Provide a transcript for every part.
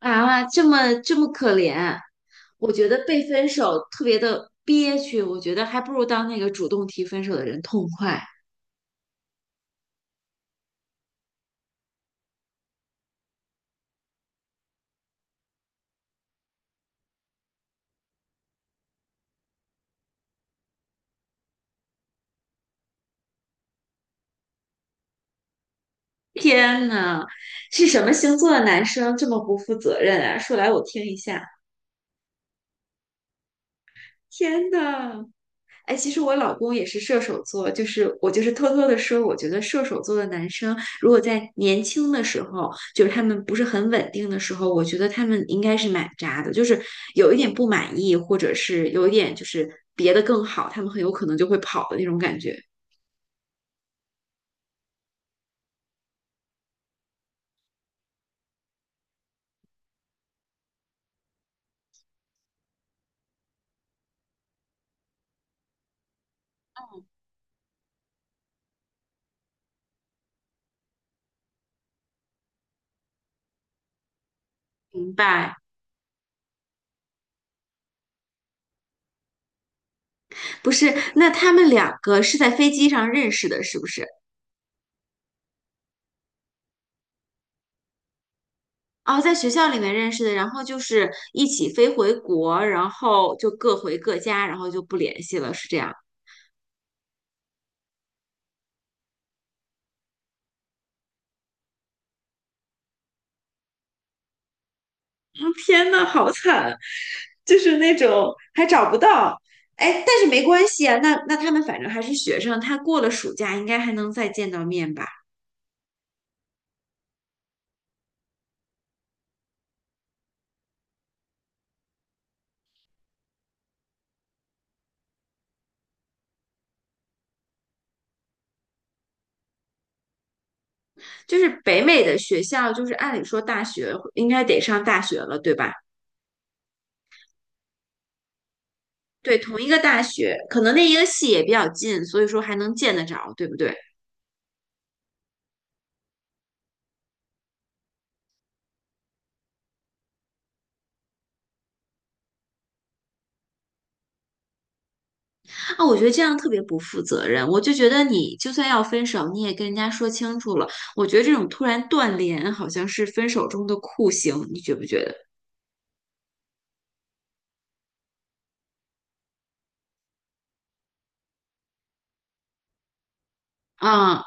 啊，这么可怜，我觉得被分手特别的憋屈，我觉得还不如当那个主动提分手的人痛快。天呐，是什么星座的男生这么不负责任啊？说来我听一下。天呐，哎，其实我老公也是射手座，就是我就是偷偷的说，我觉得射手座的男生，如果在年轻的时候，就是他们不是很稳定的时候，我觉得他们应该是蛮渣的，就是有一点不满意，或者是有一点就是别的更好，他们很有可能就会跑的那种感觉。明白。不是，那他们两个是在飞机上认识的，是不是？哦，在学校里面认识的，然后就是一起飞回国，然后就各回各家，然后就不联系了，是这样。天呐，好惨！就是那种还找不到。哎，但是没关系啊，那他们反正还是学生，他过了暑假应该还能再见到面吧？就是北美的学校，就是按理说大学应该得上大学了，对吧？对，同一个大学，可能那一个系也比较近，所以说还能见得着，对不对？啊，我觉得这样特别不负责任。我就觉得你就算要分手，你也跟人家说清楚了。我觉得这种突然断联好像是分手中的酷刑，你觉不觉得？啊、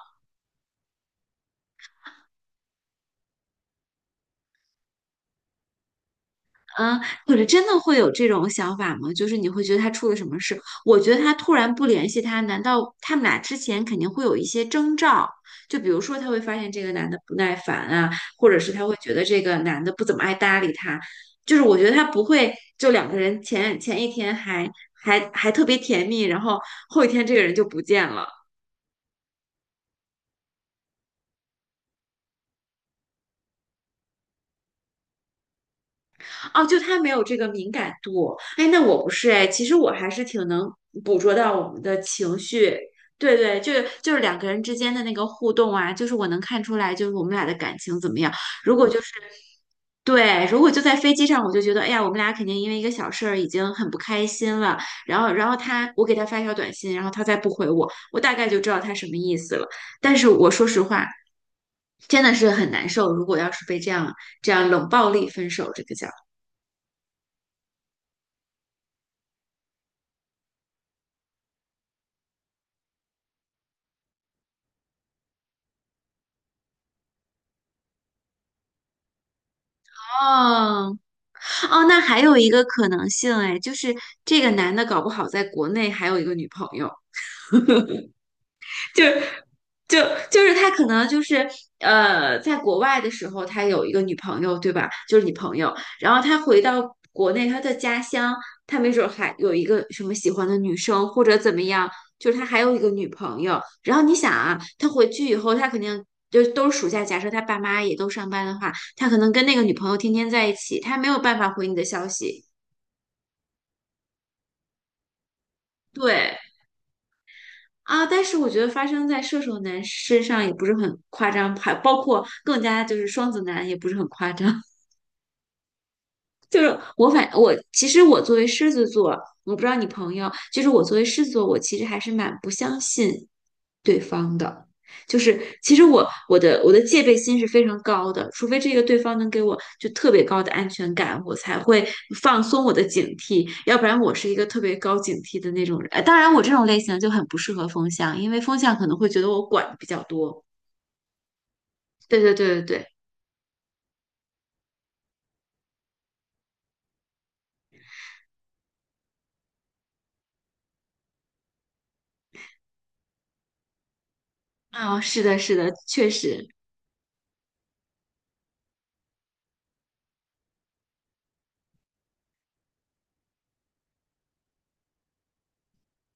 嗯，或者真的会有这种想法吗？就是你会觉得他出了什么事？我觉得他突然不联系他，难道他们俩之前肯定会有一些征兆？就比如说他会发现这个男的不耐烦啊，或者是他会觉得这个男的不怎么爱搭理他。就是我觉得他不会，就两个人前一天还特别甜蜜，然后后一天这个人就不见了。哦，就他没有这个敏感度。哎，那我不是哎，其实我还是挺能捕捉到我们的情绪。对对，就是两个人之间的那个互动啊，就是我能看出来，就是我们俩的感情怎么样。如果就是对，如果就在飞机上，我就觉得，哎呀，我们俩肯定因为一个小事儿已经很不开心了。然后，然后他，我给他发一条短信，然后他再不回我，我大概就知道他什么意思了。但是我说实话，真的是很难受。如果要是被这样冷暴力分手，这个叫。哦哦，那还有一个可能性哎，就是这个男的搞不好在国内还有一个女朋友。就。就他可能就是在国外的时候，他有一个女朋友，对吧？就是女朋友。然后他回到国内，他的家乡，他没准儿还有一个什么喜欢的女生，或者怎么样，就是他还有一个女朋友。然后你想啊，他回去以后，他肯定就都是暑假，假设他爸妈也都上班的话，他可能跟那个女朋友天天在一起，他没有办法回你的消息。对。啊，但是我觉得发生在射手男身上也不是很夸张，还包括更加就是双子男也不是很夸张。就是我反我其实我作为狮子座，我不知道你朋友，就是我作为狮子座，我其实还是蛮不相信对方的。就是其实我的戒备心是非常高的，除非这个对方能给我就特别高的安全感，我才会放松我的警惕，要不然我是一个特别高警惕的那种人。当然，我这种类型就很不适合风象，因为风象可能会觉得我管的比较多。对对对对对。啊、是的，是的，确实。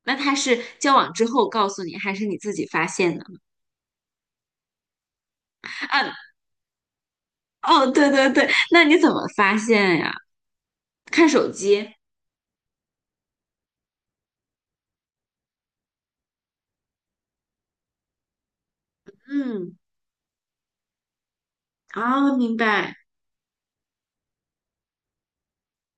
那他是交往之后告诉你，还是你自己发现的？啊，哦，对对对，那你怎么发现呀？看手机。嗯，啊，明白。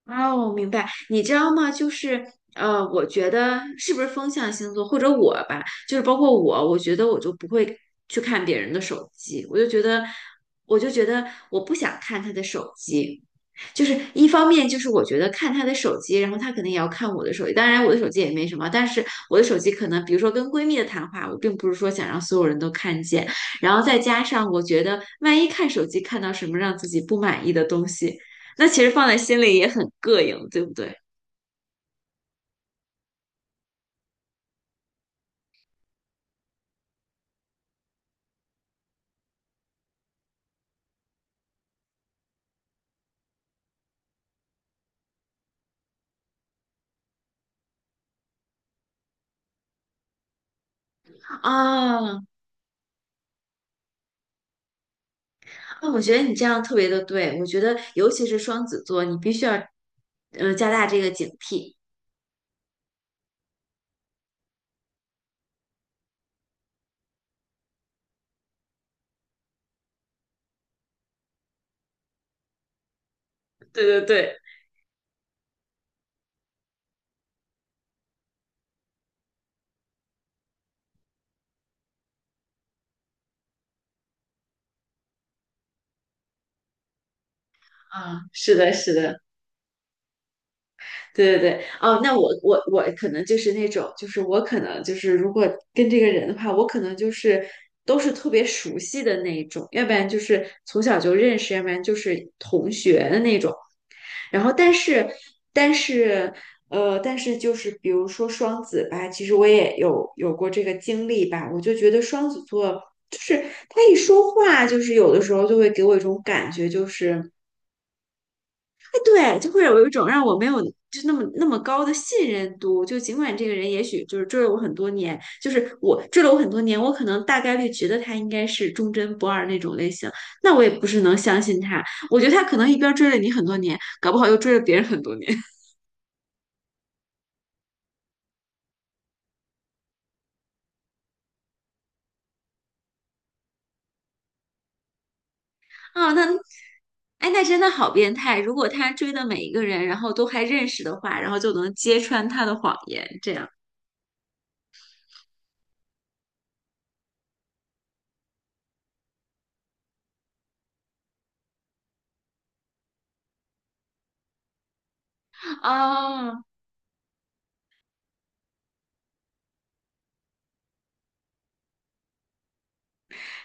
哦，明白。你知道吗？就是我觉得是不是风象星座，或者我吧，就是包括我，我觉得我就不会去看别人的手机。我就觉得我不想看他的手机。就是一方面，就是我觉得看他的手机，然后他肯定也要看我的手机。当然，我的手机也没什么，但是我的手机可能，比如说跟闺蜜的谈话，我并不是说想让所有人都看见。然后再加上，我觉得万一看手机看到什么让自己不满意的东西。那其实放在心里也很膈应，对不对？啊，那我觉得你这样特别的对，我觉得尤其是双子座，你必须要，嗯、加大这个警惕。对对对，啊，是的，是的，对对对。哦，那我可能就是那种，就是我可能就是如果跟这个人的话，我可能就是都是特别熟悉的那一种，要不然就是从小就认识，要不然就是同学的那种。然后，但是，但是，但是就是比如说双子吧，其实我也有过这个经历吧，我就觉得双子座就是他一说话，就是有的时候就会给我一种感觉，就是哎，对，就会有一种让我没有。就那么高的信任度，就尽管这个人也许就是追了我很多年，就是我追了我很多年，我可能大概率觉得他应该是忠贞不二那种类型，那我也不是能相信他。我觉得他可能一边追了你很多年，搞不好又追了别人很多年。啊，哎，那真的好变态！如果他追的每一个人，然后都还认识的话，然后就能揭穿他的谎言，这样。啊，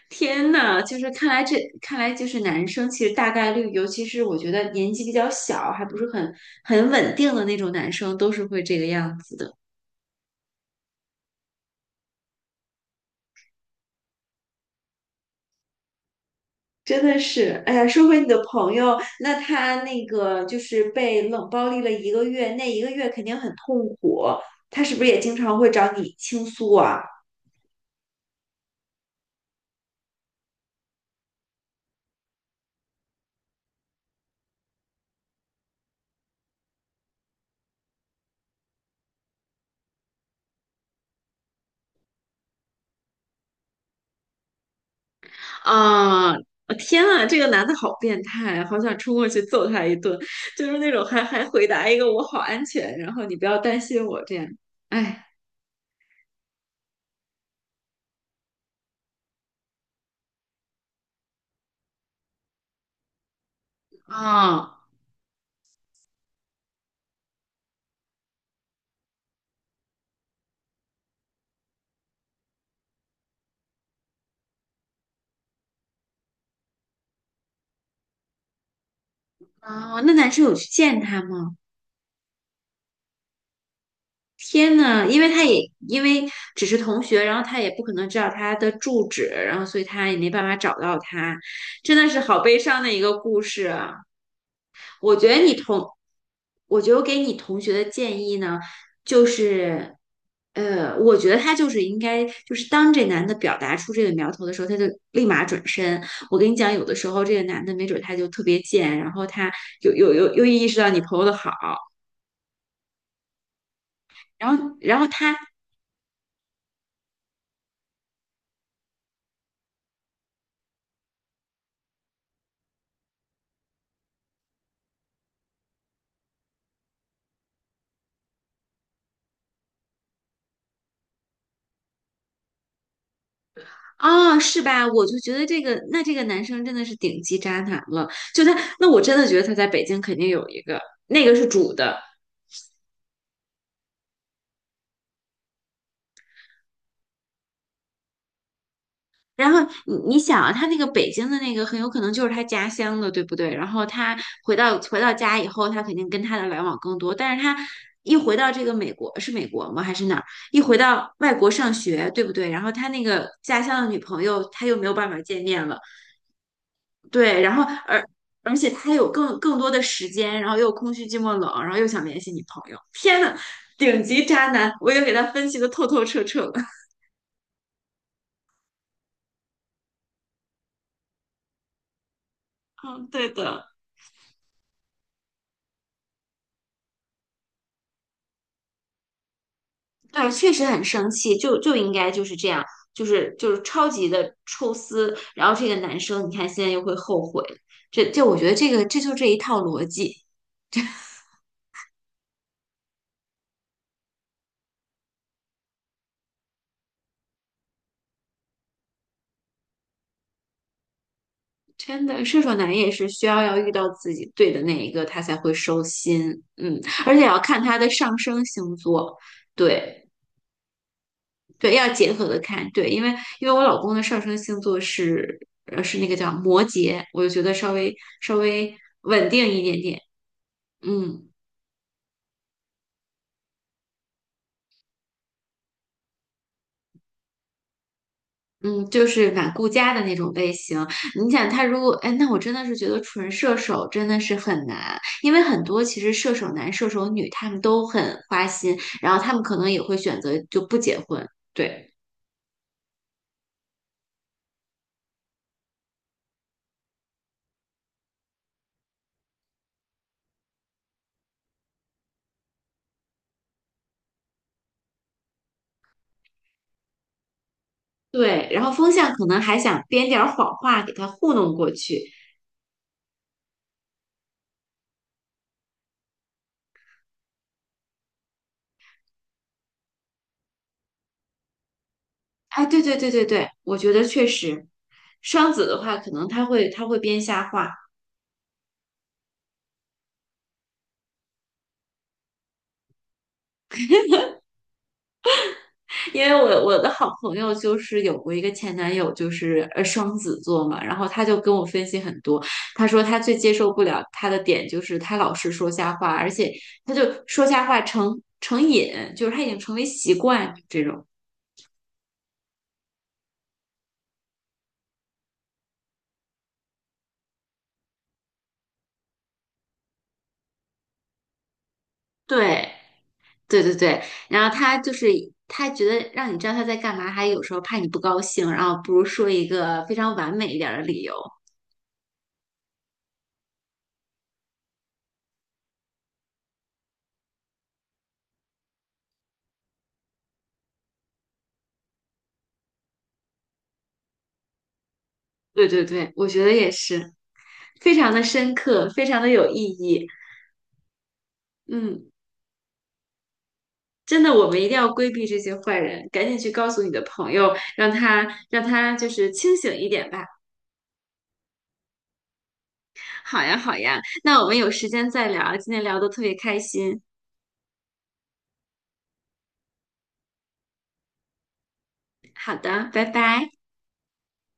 天呐，就是看来就是男生其实大概率，尤其是我觉得年纪比较小，还不是很稳定的那种男生，都是会这个样子的。真的是，哎呀，说回你的朋友，那他那个就是被冷暴力了一个月，那一个月肯定很痛苦，他是不是也经常会找你倾诉啊？啊！哦，天啊，这个男的好变态，好想冲过去揍他一顿，就是那种还还回答一个"我好安全"，然后你不要担心我这样。哎，啊，哦，那男生有去见他吗？天呐，因为因为只是同学，然后他也不可能知道他的住址，然后所以他也没办法找到他，真的是好悲伤的一个故事啊。我觉得你同，我觉得我给你同学的建议呢，就是，我觉得他就是应该，就是当这男的表达出这个苗头的时候，他就立马转身。我跟你讲，有的时候这个男的没准他就特别贱，然后他又意识到你朋友的好，然后他。哦，是吧？我就觉得这个，那这个男生真的是顶级渣男了。就他，那我真的觉得他在北京肯定有一个，那个是主的，然后你想啊，他那个北京的那个很有可能就是他家乡的，对不对？然后他回到家以后，他肯定跟他的来往更多。但是他一回到这个美国，是美国吗？还是哪儿？一回到外国上学，对不对？然后他那个家乡的女朋友，他又没有办法见面了，对。然后而且他有更多的时间，然后又空虚、寂寞、冷，然后又想联系女朋友，顶级渣男，我已经给他分析的透透彻彻了。 嗯，对的。对，确实很生气，就应该就是这样，就是超级的抽丝。然后这个男生，你看现在又会后悔，这我觉得这一套逻辑，真的射手男也是需要遇到自己对的那一个，他才会收心。嗯，而且要看他的上升星座，对对，要结合的看。对，因为我老公的上升星座是是那个叫摩羯，我就觉得稍微稳定一点点。嗯。嗯，就是蛮顾家的那种类型。你想他如果，哎，那我真的是觉得纯射手真的是很难，因为很多其实射手男、射手女他们都很花心，然后他们可能也会选择就不结婚。对对，然后风象可能还想编点儿谎话给他糊弄过去。哎，对对对对对，我觉得确实，双子的话可能他会编瞎话。因为我的好朋友就是有过一个前男友，就是双子座嘛，然后他就跟我分析很多，他说他最接受不了他的点就是他老是说瞎话，而且他就说瞎话成瘾，就是他已经成为习惯这种。对对对对。然后他就是他觉得让你知道他在干嘛，还有时候怕你不高兴，然后不如说一个非常完美一点儿的理由。对对对，我觉得也是，非常的深刻，非常的有意义。嗯。真的，我们一定要规避这些坏人，赶紧去告诉你的朋友，让他就是清醒一点吧。好呀，好呀，那我们有时间再聊，今天聊的特别开心。好的，拜拜。